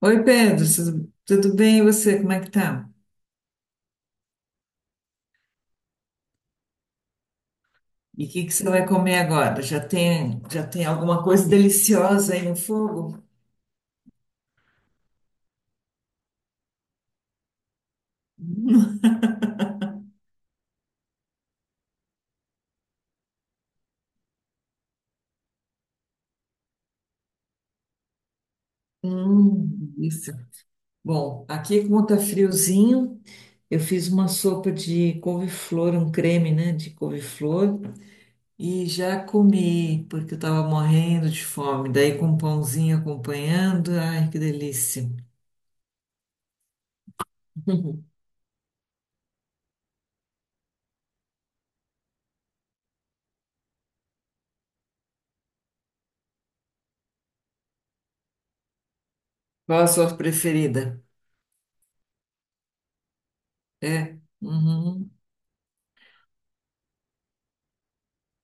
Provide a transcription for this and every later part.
Oi, Pedro, tudo bem? E você, como é que tá? E o que que você vai comer agora? Já tem alguma coisa deliciosa aí no fogo? Hum, isso. Bom, aqui como tá friozinho, eu fiz uma sopa de couve-flor, um creme, né, de couve-flor, e já comi, porque eu tava morrendo de fome. Daí com um pãozinho acompanhando, ai, que delícia. Qual a sua preferida? É? Uhum.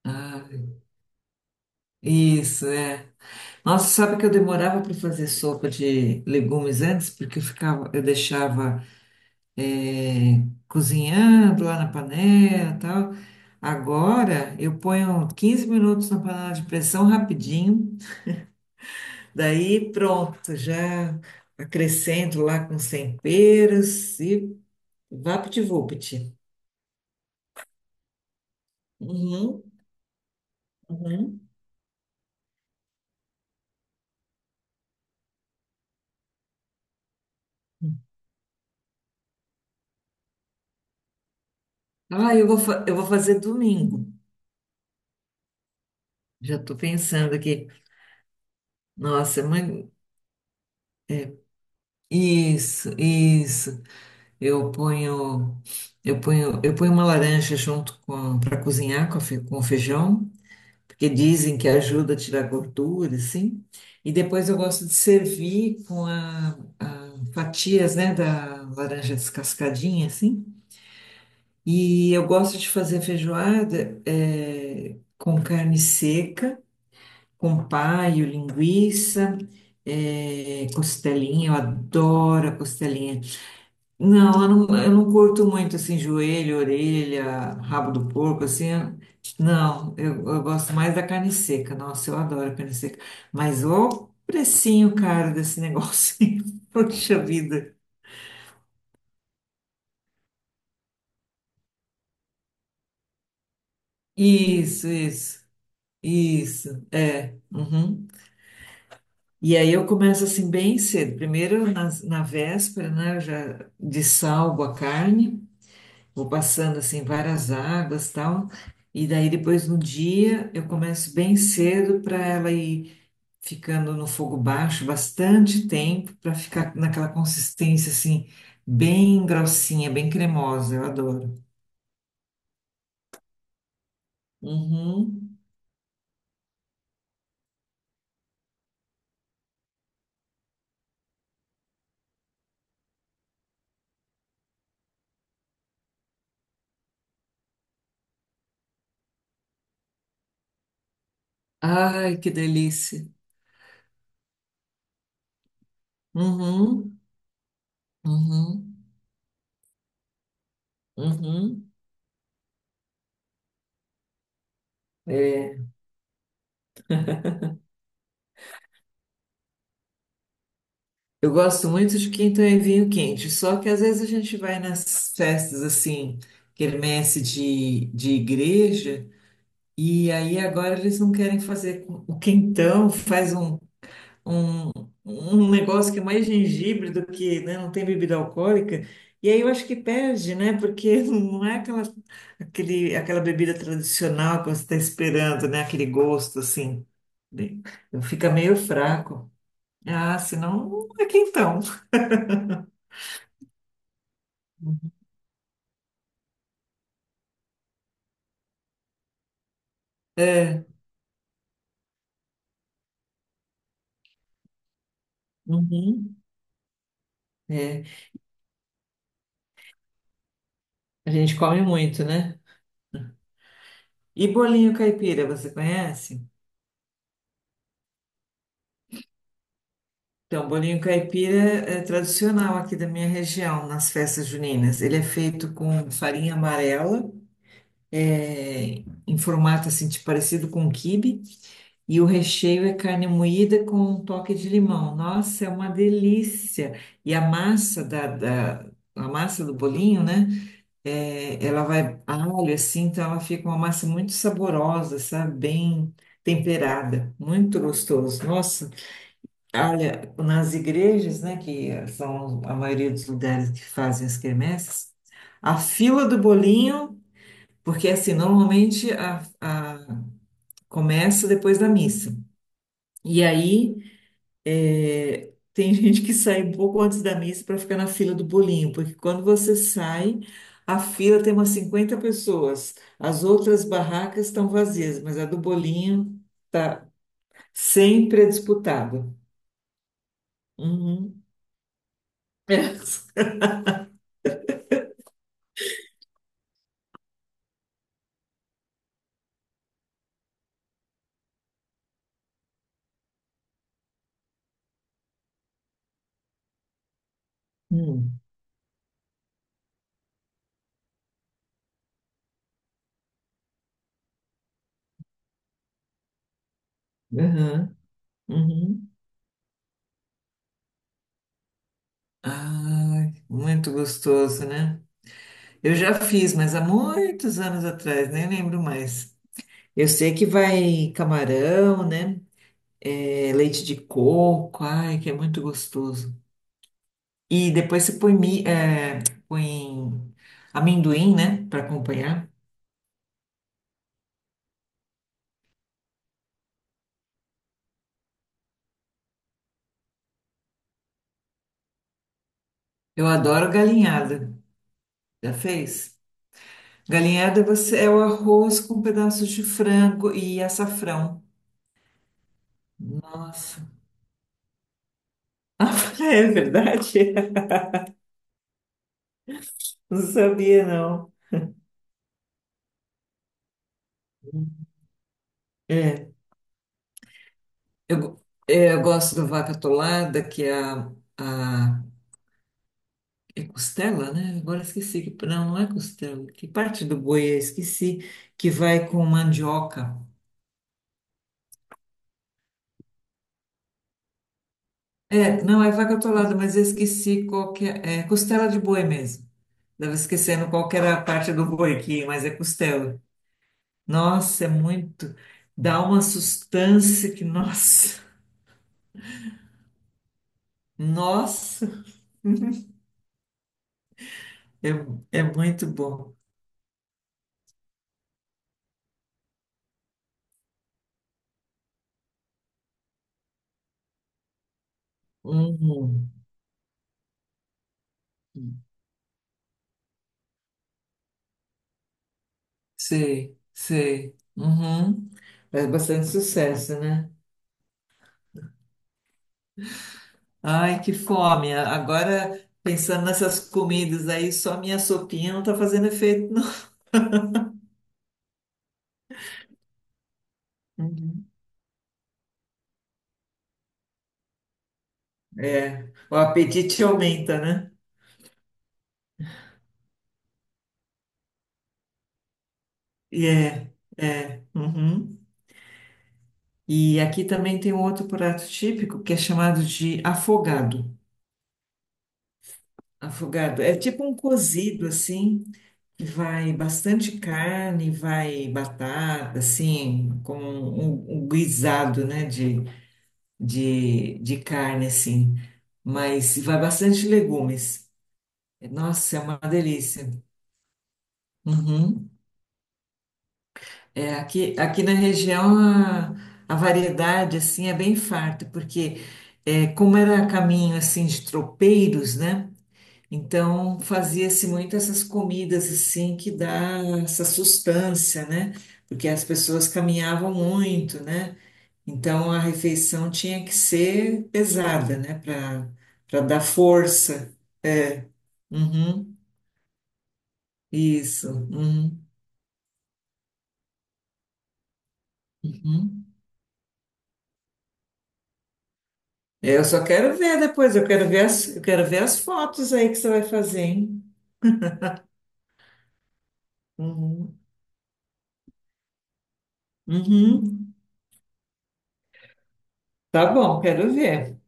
Ah, isso, é. Nossa, sabe que eu demorava para fazer sopa de legumes antes, porque eu deixava é, cozinhando lá na panela, e tal. Agora eu ponho 15 minutos na panela de pressão rapidinho, daí pronto, já acrescento lá com os temperos e vapt-vupt. Uhum, uhum. Ah, eu vou fazer domingo. Já estou pensando aqui. Nossa, mãe, isso, isso. Eu ponho, eu ponho uma laranja junto com para cozinhar com, com o feijão, porque dizem que ajuda a tirar gordura, assim. E depois eu gosto de servir com a fatias, né, da laranja descascadinha, assim. E eu gosto de fazer feijoada com carne seca, com paio, linguiça, costelinha. Eu adoro a costelinha. Não, eu não curto muito assim, joelho, orelha, rabo do porco, assim. Não, eu gosto mais da carne seca. Nossa, eu adoro carne seca. Mas o precinho, caro desse negócio. Poxa vida. Isso, isso, isso. É. Uhum. E aí eu começo assim bem cedo. Primeiro na véspera, né? Eu já dessalgo a carne. Vou passando assim várias águas tal. E daí depois no dia eu começo bem cedo para ela ir ficando no fogo baixo bastante tempo para ficar naquela consistência assim bem grossinha, bem cremosa. Eu adoro. Uhum. Ai, que delícia. Uhum. Uhum. Uhum. É. Eu gosto muito de quinta e vinho quente, só que às vezes a gente vai nas festas assim, quermesse de igreja. E aí agora eles não querem fazer o quentão, faz um, um negócio que é mais gengibre do que, né, não tem bebida alcoólica. E aí eu acho que perde, né? Porque não é aquela bebida tradicional que você está esperando, né? Aquele gosto assim. Bem, fica meio fraco. Ah, senão não é quentão. É. Uhum. É. A gente come muito, né? E bolinho caipira, você conhece? Então, bolinho caipira é tradicional aqui da minha região, nas festas juninas. Ele é feito com farinha amarela, é, em formato assim, tipo, parecido com quibe, e o recheio é carne moída com um toque de limão. Nossa, é uma delícia! E a massa a massa do bolinho, né? É, ela vai alho assim, então ela fica uma massa muito saborosa, sabe? Bem temperada, muito gostoso. Nossa. Olha, nas igrejas, né, que são a maioria dos lugares que fazem as quermesses, a fila do bolinho, porque assim, normalmente começa depois da missa. E aí é, tem gente que sai um pouco antes da missa para ficar na fila do bolinho, porque quando você sai, a fila tem umas 50 pessoas. As outras barracas estão vazias, mas a do bolinho tá sempre disputada. Uhum. É. Aham, uhum. Ai, muito gostoso, né? Eu já fiz, mas há muitos anos atrás, nem lembro mais. Eu sei que vai camarão, né? É, leite de coco, ai, que é muito gostoso. E depois você põe, põe amendoim, né? Para acompanhar. Eu adoro galinhada. Já fez? Galinhada você é o arroz com pedaços de frango e açafrão. Nossa. Ah, é verdade? Não sabia, não. É. Eu gosto do vaca atolada, que é a é costela, né? Agora esqueci que não, não é costela. Que parte do boi é? Esqueci que vai com mandioca. É, não é vaca atolada, mas eu esqueci qual que é, é costela de boi mesmo. Estava esquecendo qual que era a parte do boi aqui, mas é costela. Nossa, é muito. Dá uma sustância que, nossa, nossa, é, é muito bom. Hum. Sei, sei. Uhum. Faz bastante sucesso, né? Ai, que fome. Agora, pensando nessas comidas aí, só minha sopinha não tá fazendo efeito, não. Uhum. É, o apetite aumenta, né? É. Uhum. E aqui também tem um outro prato típico que é chamado de afogado. Afogado. É tipo um cozido, assim. Vai bastante carne, vai batata, assim, como um guisado, né, de carne, assim. Mas vai bastante legumes. Nossa, é uma delícia. Uhum. É, aqui na região a variedade, assim, é bem farta, porque é, como era caminho, assim, de tropeiros, né? Então, fazia-se muito essas comidas assim que dá essa sustância, né? Porque as pessoas caminhavam muito, né? Então a refeição tinha que ser pesada, né? Para dar força. É. Uhum. Isso. Uhum. Uhum. É, eu só quero ver depois, eu quero ver as fotos aí que você vai fazer, hein? Uhum. Uhum. Tá bom, quero ver.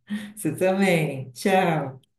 Você também. Tchau.